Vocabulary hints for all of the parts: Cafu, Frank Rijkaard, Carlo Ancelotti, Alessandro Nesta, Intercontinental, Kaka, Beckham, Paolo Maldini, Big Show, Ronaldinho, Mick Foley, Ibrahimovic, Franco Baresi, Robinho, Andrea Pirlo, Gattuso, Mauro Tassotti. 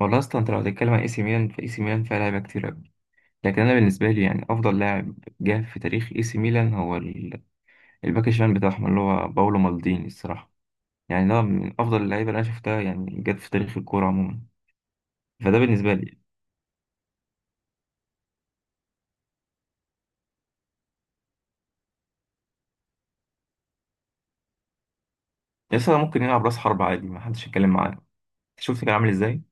والله اصلا انت لو هتتكلم عن اي سي ميلان فاي سي ميلان فيها لعيبه كتير قوي. لكن انا بالنسبه لي يعني افضل لاعب جه في تاريخ اي سي ميلان هو الباك الشمال بتاعهم اللي هو باولو مالديني الصراحه. يعني ده من افضل اللعيبه اللي انا شفتها يعني جت في تاريخ الكوره عموما. فده بالنسبه لي لسه ممكن يلعب راس حرب عادي، ما حدش يتكلم معاه. شفت كان عامل ازاي.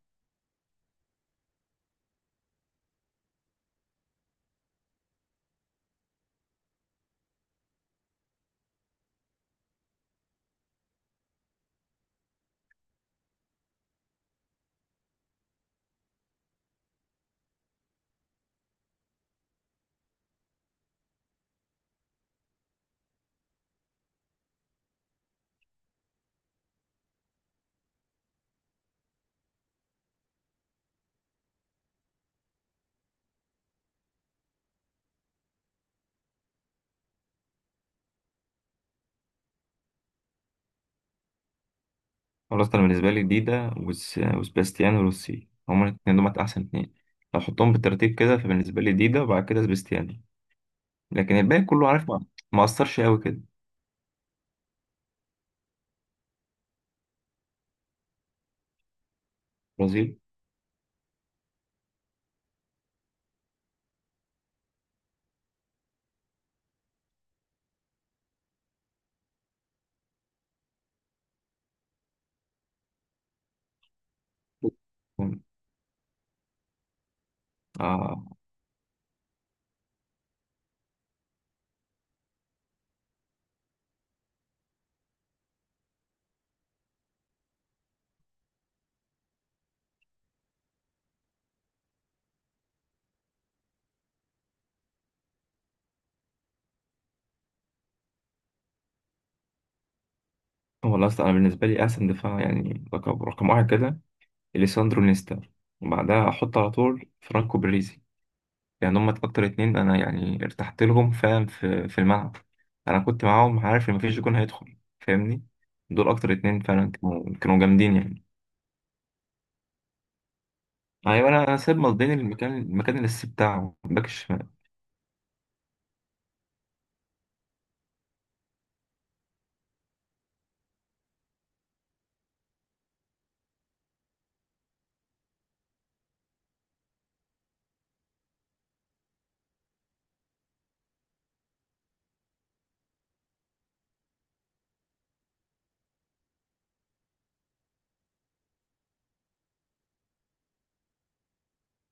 خلاص انا بالنسبه لي ديدا وسباستيانو روسي هما الاثنين دول احسن اثنين. لو حطهم بالترتيب كده فبالنسبه لي ديدا وبعد كده سباستيانو، لكن الباقي كله عارف ما اثرش قوي كده. برازيل. آه، هو الأصل أنا بالنسبة لي أحسن دفاع يعني رقم واحد كده إليساندرو نيستا، وبعدها أحط على طول فرانكو باريزي. يعني هما أكتر اتنين أنا يعني ارتحت لهم، فاهم في الملعب. أنا كنت معاهم عارف إن مفيش جون هيدخل، فاهمني. دول أكتر اتنين فعلا كانوا جامدين يعني. أيوة، أنا سيب مصدين المكان الأساسي بتاعه الباك الشمال.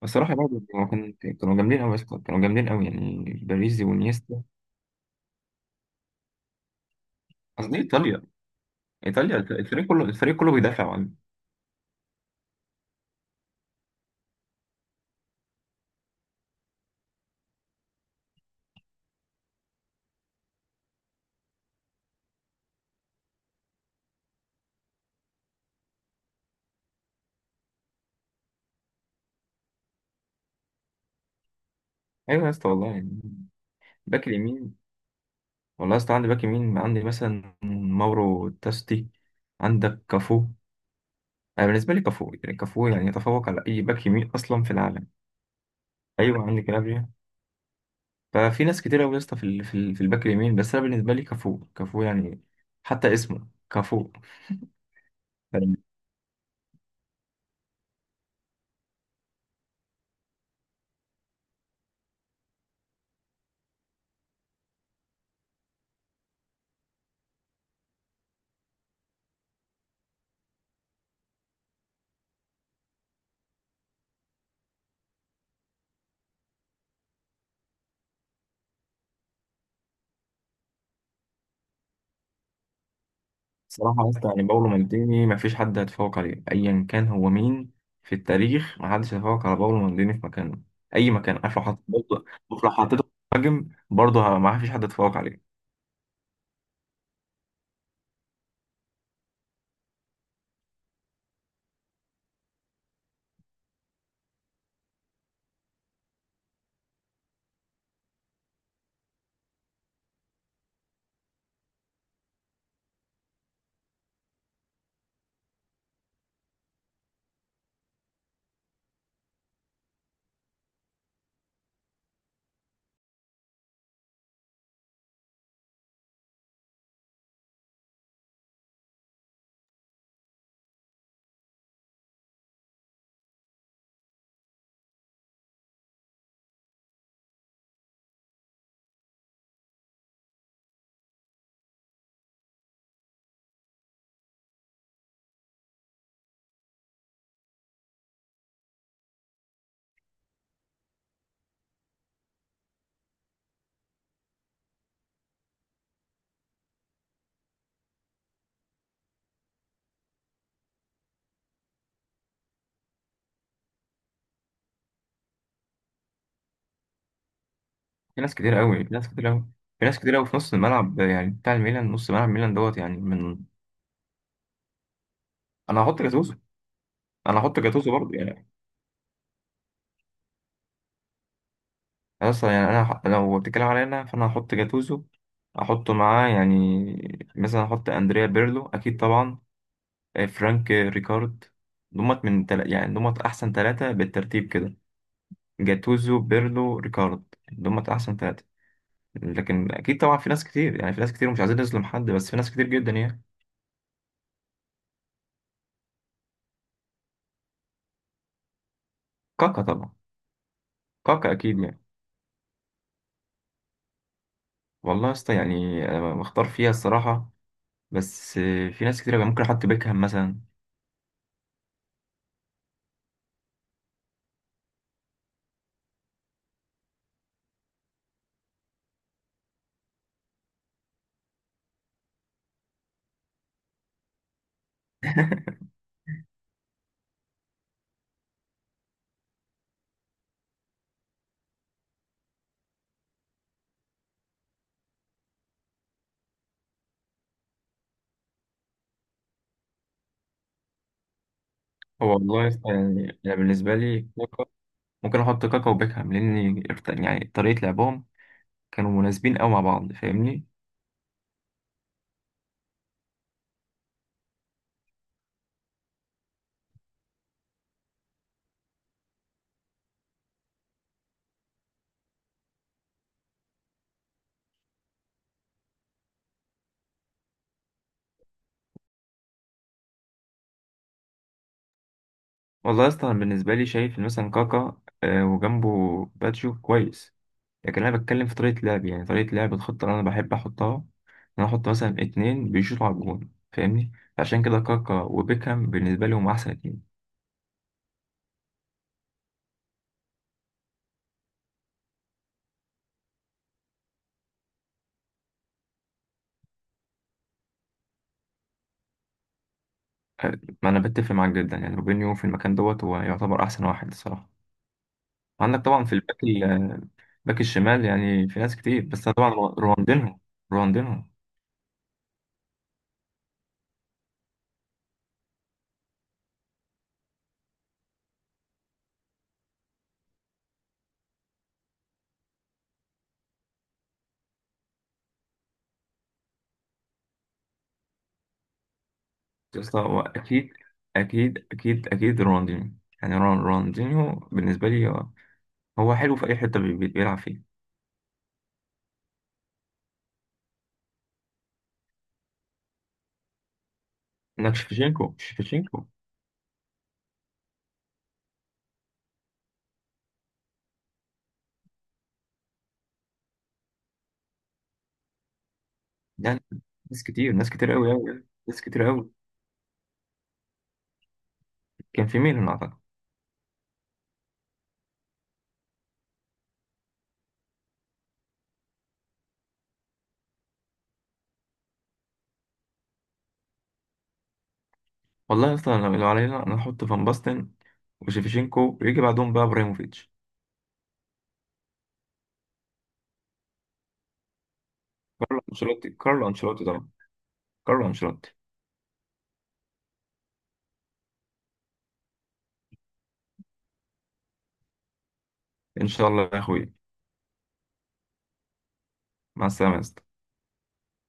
الصراحة برضه هو كان كانوا جامدين أوي يا اسطى، كانوا جامدين أوي يعني باريزي ونيستا. قصدي إيطاليا. إيطاليا الفريق كله بيدافع. ايوه يا اسطى والله يعني. باك اليمين. والله يا اسطى عندي باك يمين، عندي مثلا ماورو تاستي، عندك كافو. انا بالنسبه لي كافو يعني، كافو يعني يتفوق على اي باك يمين اصلا في العالم. ايوه عندي كلابريا. ففي ناس كتير قوي يا اسطى في في الباك اليمين، بس انا بالنسبه لي كافو يعني. حتى اسمه كافو. صراحة يا اسطى يعني باولو مالديني مفيش حد هيتفوق عليه أيا كان هو مين. في التاريخ محدش هيتفوق على باولو مالديني في مكانه. أي مكان، عارف، لو حطيت برضه. شوف لو حطيته مهاجم برضه مفيش حد هيتفوق عليه. في ناس كتير قوي. في ناس كتير قوي. في ناس كتير قوي في نص الملعب يعني بتاع الميلان، نص ملعب ميلان دوت يعني من. أنا هحط جاتوزو. أنا هحط جاتوزو برضه يعني. أصلا يعني أنا لو بتتكلم عليا أنا فأنا هحط جاتوزو. أحطه معاه يعني مثلا أحط أندريا بيرلو أكيد طبعا. آه، فرانك ريكارد. يعني دمت احسن ثلاثة بالترتيب كده: جاتوزو، بيرلو، ريكارد. دمت احسن ثلاثة. لكن اكيد طبعا في ناس كتير، يعني في ناس كتير مش عايزين نظلم حد، بس في ناس كتير جدا يعني. كاكا طبعا. كاكا اكيد يعني. والله يا اسطى يعني أنا مختار فيها الصراحة. بس في ناس كتير أوي يعني. ممكن احط بيكهام مثلا. هو والله يا اسطى يعني انا بالنسبة لي كاكا. ممكن احط كاكا وبيكهام لان يعني طريقة لعبهم كانوا مناسبين قوي مع بعض، فاهمني. والله يا اسطى أنا بالنسبه لي شايف إن مثلا كاكا، آه، وجنبه باتشو كويس. لكن انا بتكلم في طريقه لعب، يعني طريقه لعب الخطه اللي انا بحب احطها ان انا احط مثلا اتنين بيشوطوا على الجون، فاهمني. عشان كده كاكا وبيكهام بالنسبه لي هم احسن اتنين. آه، ما انا بتفق معاك جدا يعني روبينيو في المكان دوت هو يعتبر احسن واحد الصراحه. عندك طبعا في باك الشمال يعني في ناس كتير، بس أنا طبعا رونالدينهو. رونالدينهو. يا اسطى هو اكيد، اكيد رونالدينيو. يعني رونالدينيو بالنسبه لي هو حلو في اي حته بيلعب فيها. انك شفتشينكو، شفتشينكو يعني. ناس كتير، ناس كتير قوي، قوي، ناس كتير قوي. كان في ميلان اعتقد. والله اصلا لو علينا انا احط فان باستن وشيفتشينكو، ويجي بعدهم بقى ابراهيموفيتش. كارلو انشيلوتي. كارلو انشيلوتي طبعا. كارلو انشيلوتي. ان شاء الله يا اخوي. مع السلامه يا اسطى.